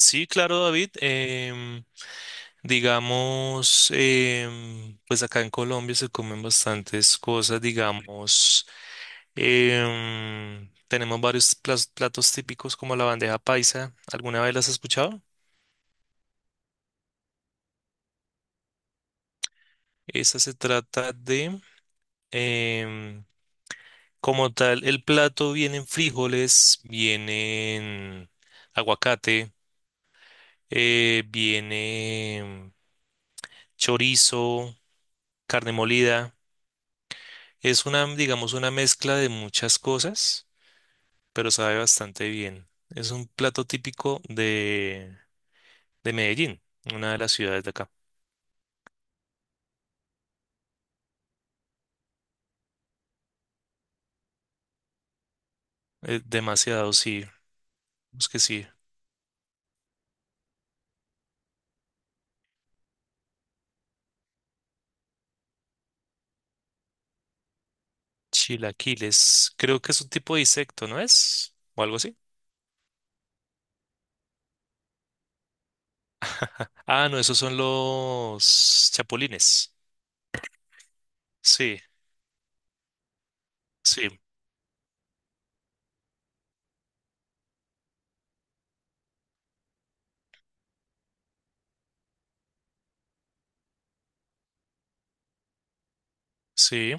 Sí, claro, David. Digamos, pues acá en Colombia se comen bastantes cosas, digamos. Tenemos varios platos típicos como la bandeja paisa. ¿Alguna vez las has escuchado? Esa se trata de, em, como tal, el plato vienen frijoles, vienen aguacate, viene chorizo, carne molida. Es una, digamos, una mezcla de muchas cosas, pero sabe bastante bien. Es un plato típico de Medellín, una de las ciudades de acá. Demasiado, sí. Es que sí. Chilaquiles. Creo que es un tipo de insecto, ¿no es? O algo así. Ah, no, esos son los chapulines. Sí, sí, sí.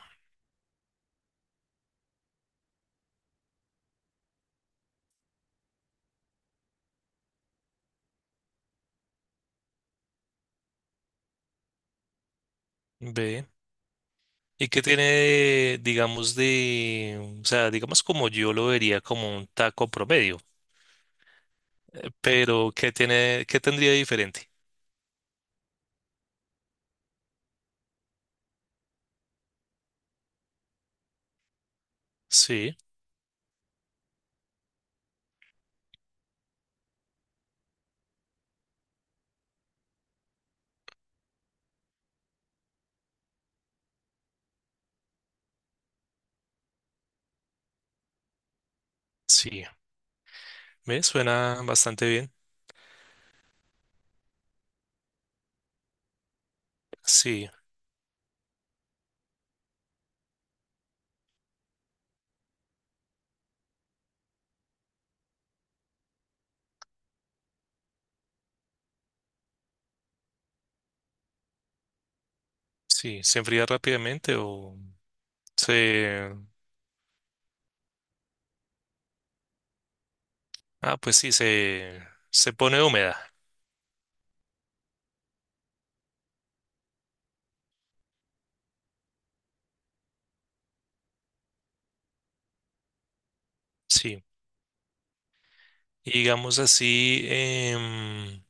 Ve. ¿Y qué tiene, digamos, de, o sea, digamos como yo lo vería como un taco promedio? Pero, ¿qué tiene, qué tendría de diferente? Sí, sí. Me suena bastante bien. Sí, sí. ¿Se enfría rápidamente o se... Ah, pues sí, se pone húmeda. Sí. Y digamos así, em,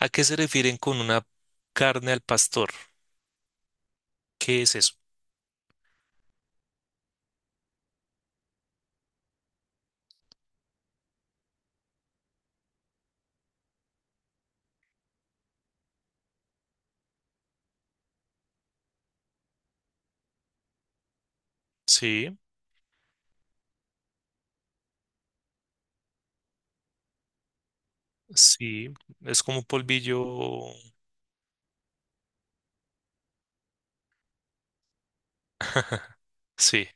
¿a qué se refieren con una carne al pastor? ¿Qué es eso? Sí, sí. Es como un polvillo. Sí.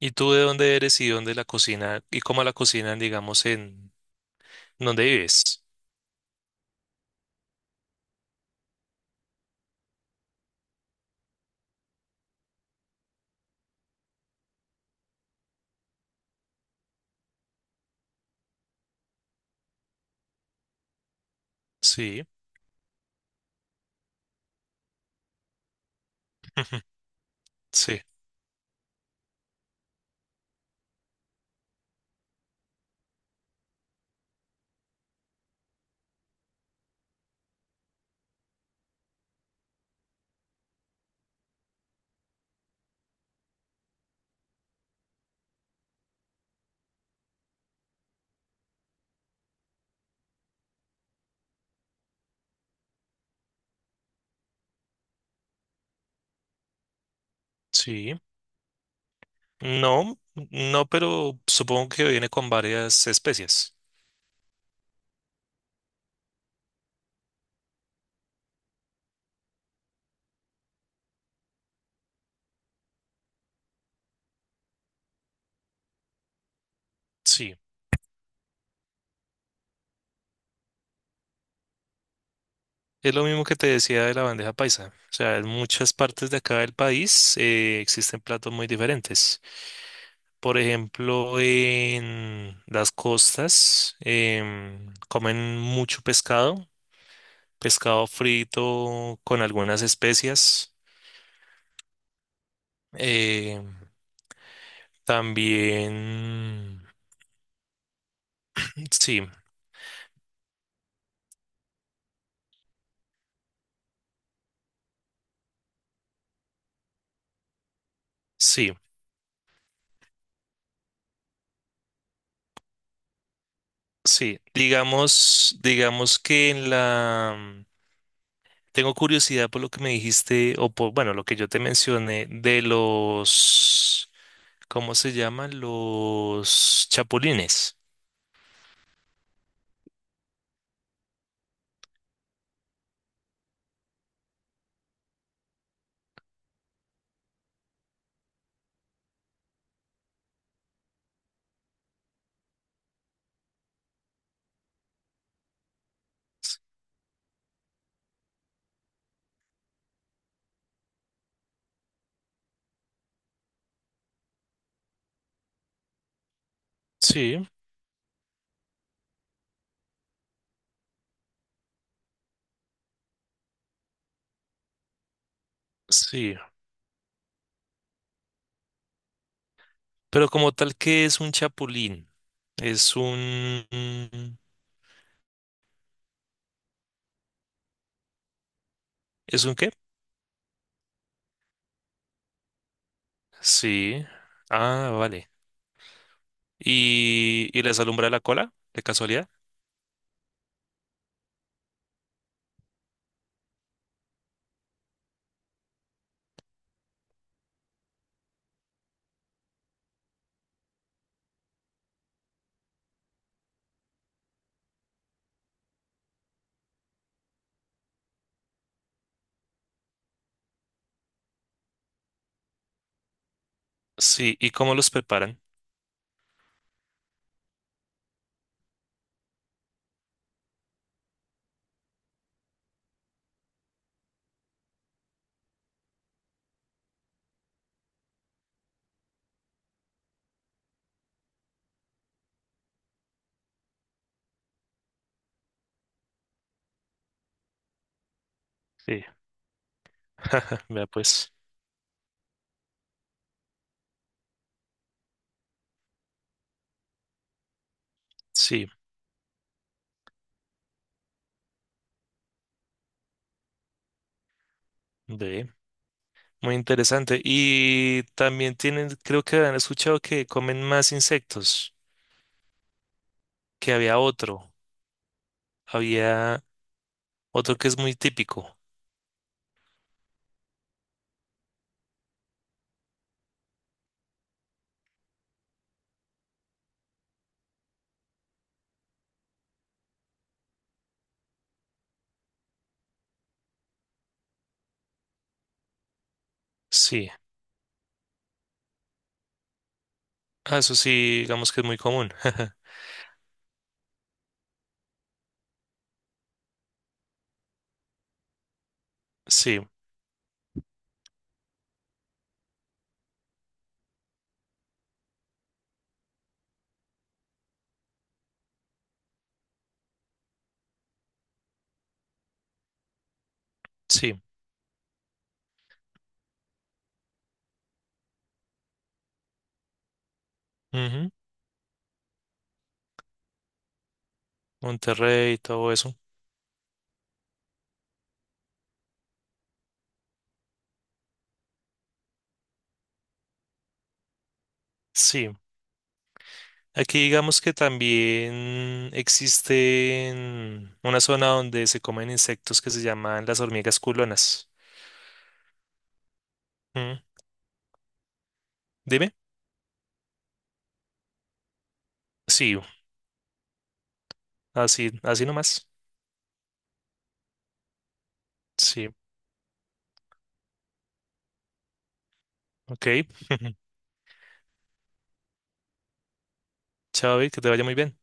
¿Y tú de dónde eres y dónde la cocina y cómo la cocinan, digamos, en donde vives? Sí, ujú, sí, sí. No, no, pero supongo que viene con varias especies. Sí, es lo mismo que te decía de la bandeja paisa. O sea, en muchas partes de acá del país existen platos muy diferentes. Por ejemplo, en las costas comen mucho pescado, pescado frito con algunas especias. eh, También, sí, sí. Sí, digamos, digamos que en la... Tengo curiosidad por lo que me dijiste, o por, bueno, lo que yo te mencioné de los, ¿cómo se llaman? Los chapulines. Sí, sí. Pero como tal, ¿qué es un chapulín? Es un... ¿Es un qué? Sí. Ah, vale. Y, y les alumbra la cola, de casualidad. Sí, ¿y cómo los preparan? Sí, vea pues. Sí, ve. Muy interesante. Y también tienen, creo que han escuchado que comen más insectos, que había otro que es muy típico. Sí, ah, eso sí, digamos que es muy común. Sí, sí. Ujú. Monterrey, todo eso. Sí, aquí digamos que también existe una zona donde se comen insectos que se llaman las hormigas culonas. Mm, dime. Sí, así, así nomás. Sí, ok. Chao, Vic, que te vaya muy bien.